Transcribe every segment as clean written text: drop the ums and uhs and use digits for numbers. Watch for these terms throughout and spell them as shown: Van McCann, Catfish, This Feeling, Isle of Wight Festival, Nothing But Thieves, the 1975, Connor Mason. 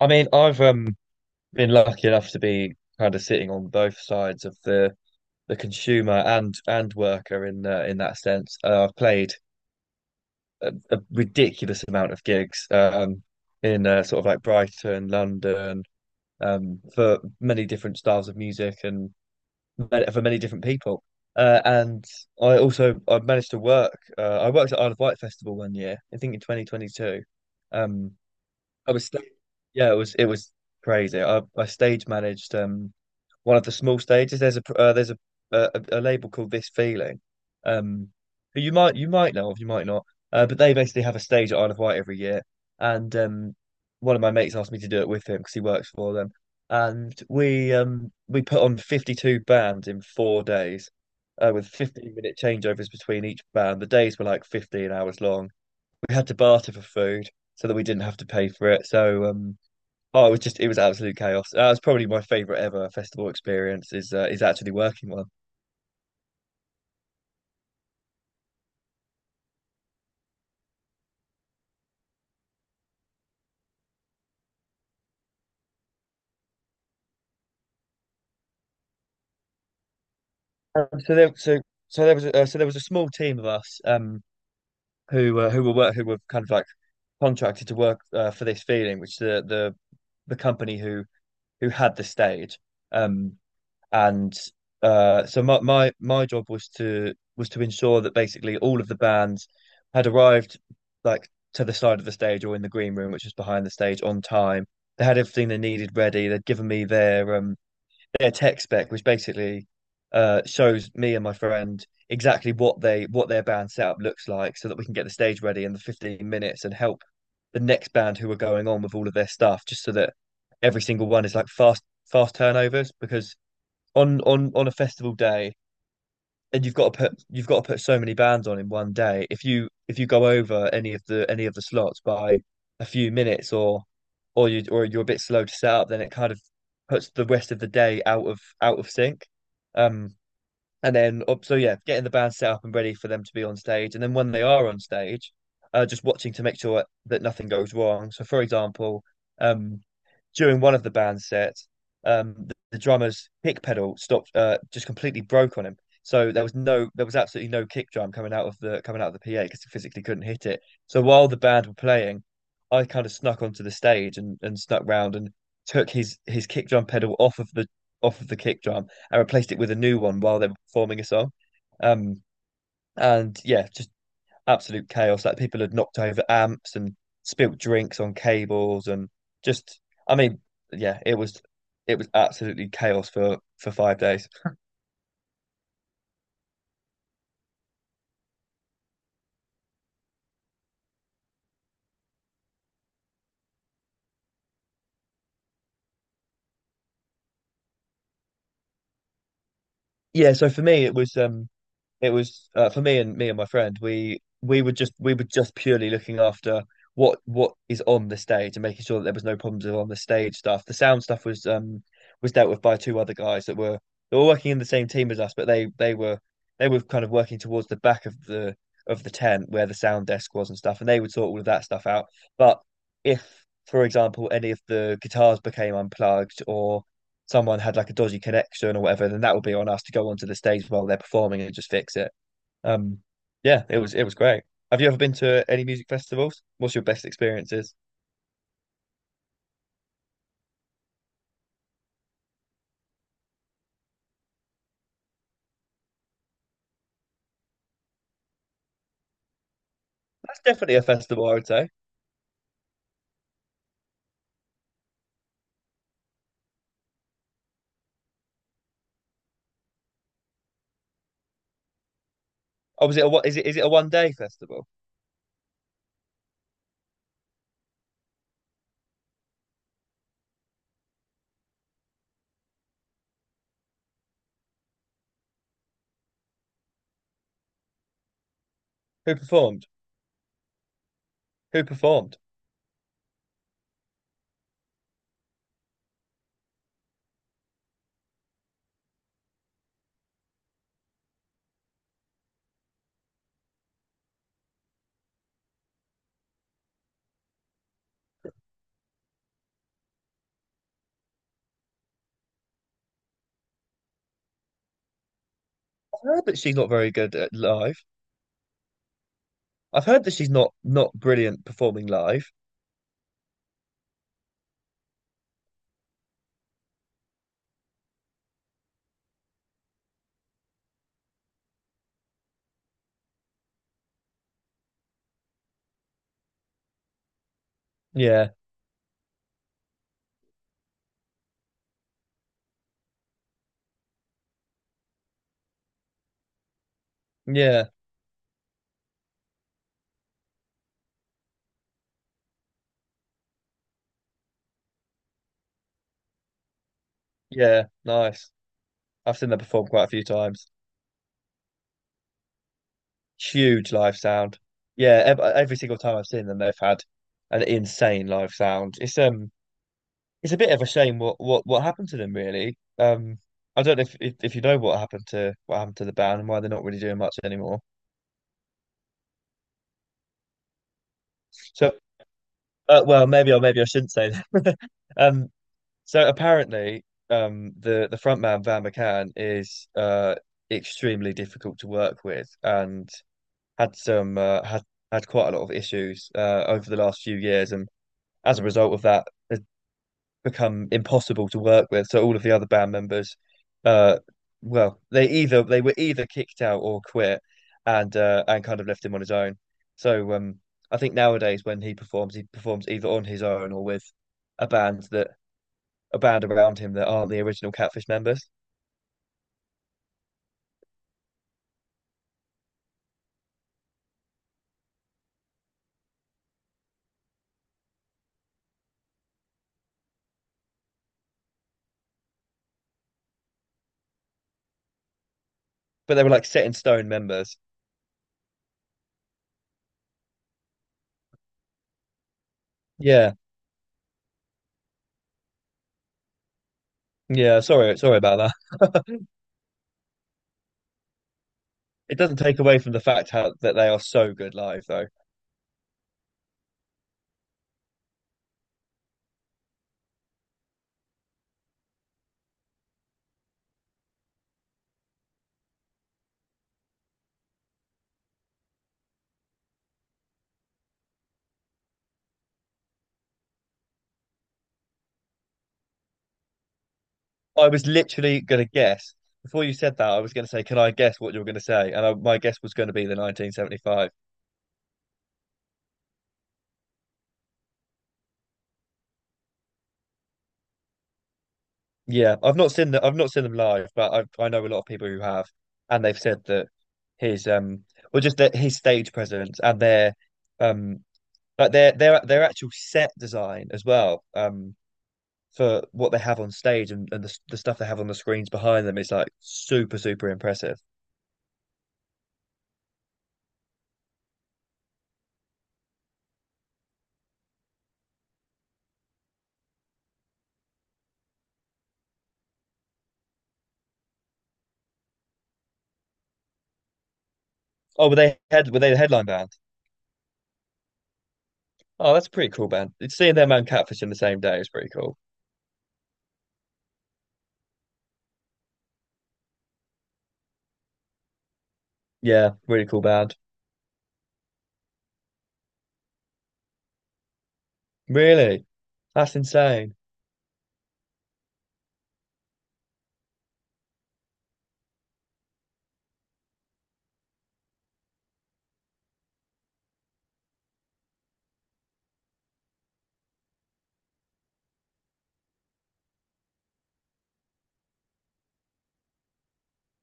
I mean, I've been lucky enough to be kind of sitting on both sides of the consumer and worker in that sense. I've played a ridiculous amount of gigs in sort of like Brighton, London, for many different styles of music and for many different people. And I managed to work. I worked at Isle of Wight Festival one year, I think in 2022. Um, I was Yeah, it was crazy. I stage managed one of the small stages. There's there's a label called This Feeling, um, who you might know of, you might not. But they basically have a stage at Isle of Wight every year, and one of my mates asked me to do it with him because he works for them, and we put on 52 bands in 4 days, with 15-minute changeovers between each band. The days were like 15 hours long. We had to barter for food so that we didn't have to pay for it. Oh, it was absolute chaos. That was probably my favorite ever festival experience is actually working one. Um, so there so so there was so there was a small team of us who were kind of like contracted to work for this feeling, which the company who had the stage um. And my job was to ensure that basically all of the bands had arrived like to the side of the stage or in the green room, which was behind the stage, on time. They had everything they needed ready. They'd given me their their tech spec, which basically shows me and my friend exactly what their band setup looks like, so that we can get the stage ready in the 15 minutes and help the next band who are going on with all of their stuff, just so that every single one is like fast turnovers because on a festival day and you've got to put so many bands on in one day if you go over any of the slots by a few minutes or you or you're a bit slow to set up, then it kind of puts the rest of the day out of sync. Um and then oh, so Yeah, getting the band set up and ready for them to be on stage, and then when they are on stage, just watching to make sure that nothing goes wrong. So for example, um during one of the band sets, the drummer's kick pedal stopped, just completely broke on him. So there was absolutely no kick drum coming out of the coming out of the PA because he physically couldn't hit it. So while the band were playing, I kind of snuck onto the stage and snuck round and took his kick drum pedal off of the kick drum and replaced it with a new one while they were performing a song. Um, and yeah, just absolute chaos. Like people had knocked over amps and spilt drinks on cables and just, I mean, yeah, it was absolutely chaos for 5 days. Yeah, so for me it was, for me and my friend. We were just purely looking after what is on the stage and making sure that there was no problems with on the stage stuff. The sound stuff was dealt with by two other guys that were, they were working in the same team as us, but they were, they were kind of working towards the back of the tent where the sound desk was and stuff, and they would sort all of that stuff out. But if, for example, any of the guitars became unplugged or someone had like a dodgy connection or whatever, then that would be on us to go onto the stage while they're performing and just fix it. Um, yeah, it was great. Have you ever been to any music festivals? What's your best experiences? That's definitely a festival, I would say. Oh, was it a what? Is it a 1 day festival? Who performed? Who performed? I've heard that she's not very good at live. I've heard that she's not brilliant performing live. Yeah, yeah, yeah. Nice. I've seen her perform quite a few times. Huge live sound. Yeah, ev every single time I've seen them, they've had an insane live sound. It's a bit of a shame what happened to them really. I don't know if you know what happened to, what happened to the band and why they're not really doing much anymore. So, well, maybe, or maybe I shouldn't say that. Um, so apparently, the front man Van McCann is extremely difficult to work with, and had had quite a lot of issues over the last few years, and as a result of that has become impossible to work with. So all of the other band members, uh, well, they were either kicked out or quit, and kind of left him on his own. So I think nowadays when he performs either on his own or with a band that a band around him that aren't the original Catfish members, but they were like set in stone members. Yeah, yeah. Sorry about that. It doesn't take away from that they are so good live, though. I was literally going to guess. Before you said that, I was going to say, "Can I guess what you are going to say?" And my guess was going to be the 1975. Yeah, I've not seen that. I've not seen them live, but I know a lot of people who have, and they've said that his well, just that his stage presence and their um, like their actual set design as well. For what they have on stage and the stuff they have on the screens behind them is like super impressive. Were they the headline band? Oh, that's a pretty cool band. It's Seeing them and Catfish in the same day is pretty cool. Yeah, really cool band. Really? That's insane.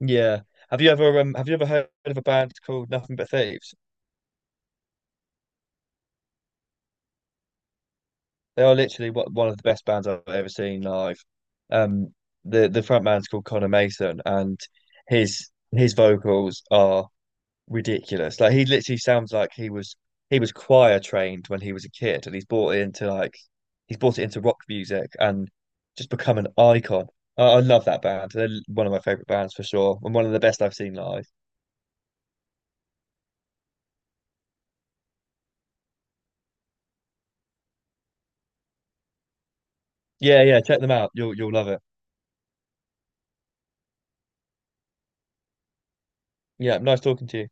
Yeah. Have you ever heard of a band called Nothing But Thieves? They are literally what one of the best bands I've ever seen live. Um, the front man's called Connor Mason, and his vocals are ridiculous. Like he literally sounds like he was choir trained when he was a kid, and he's brought it into like he's brought it into rock music and just become an icon. I love that band. They're one of my favorite bands for sure, and one of the best I've seen live. Yeah, yeah, check them out. You'll love it. Yeah, nice talking to you.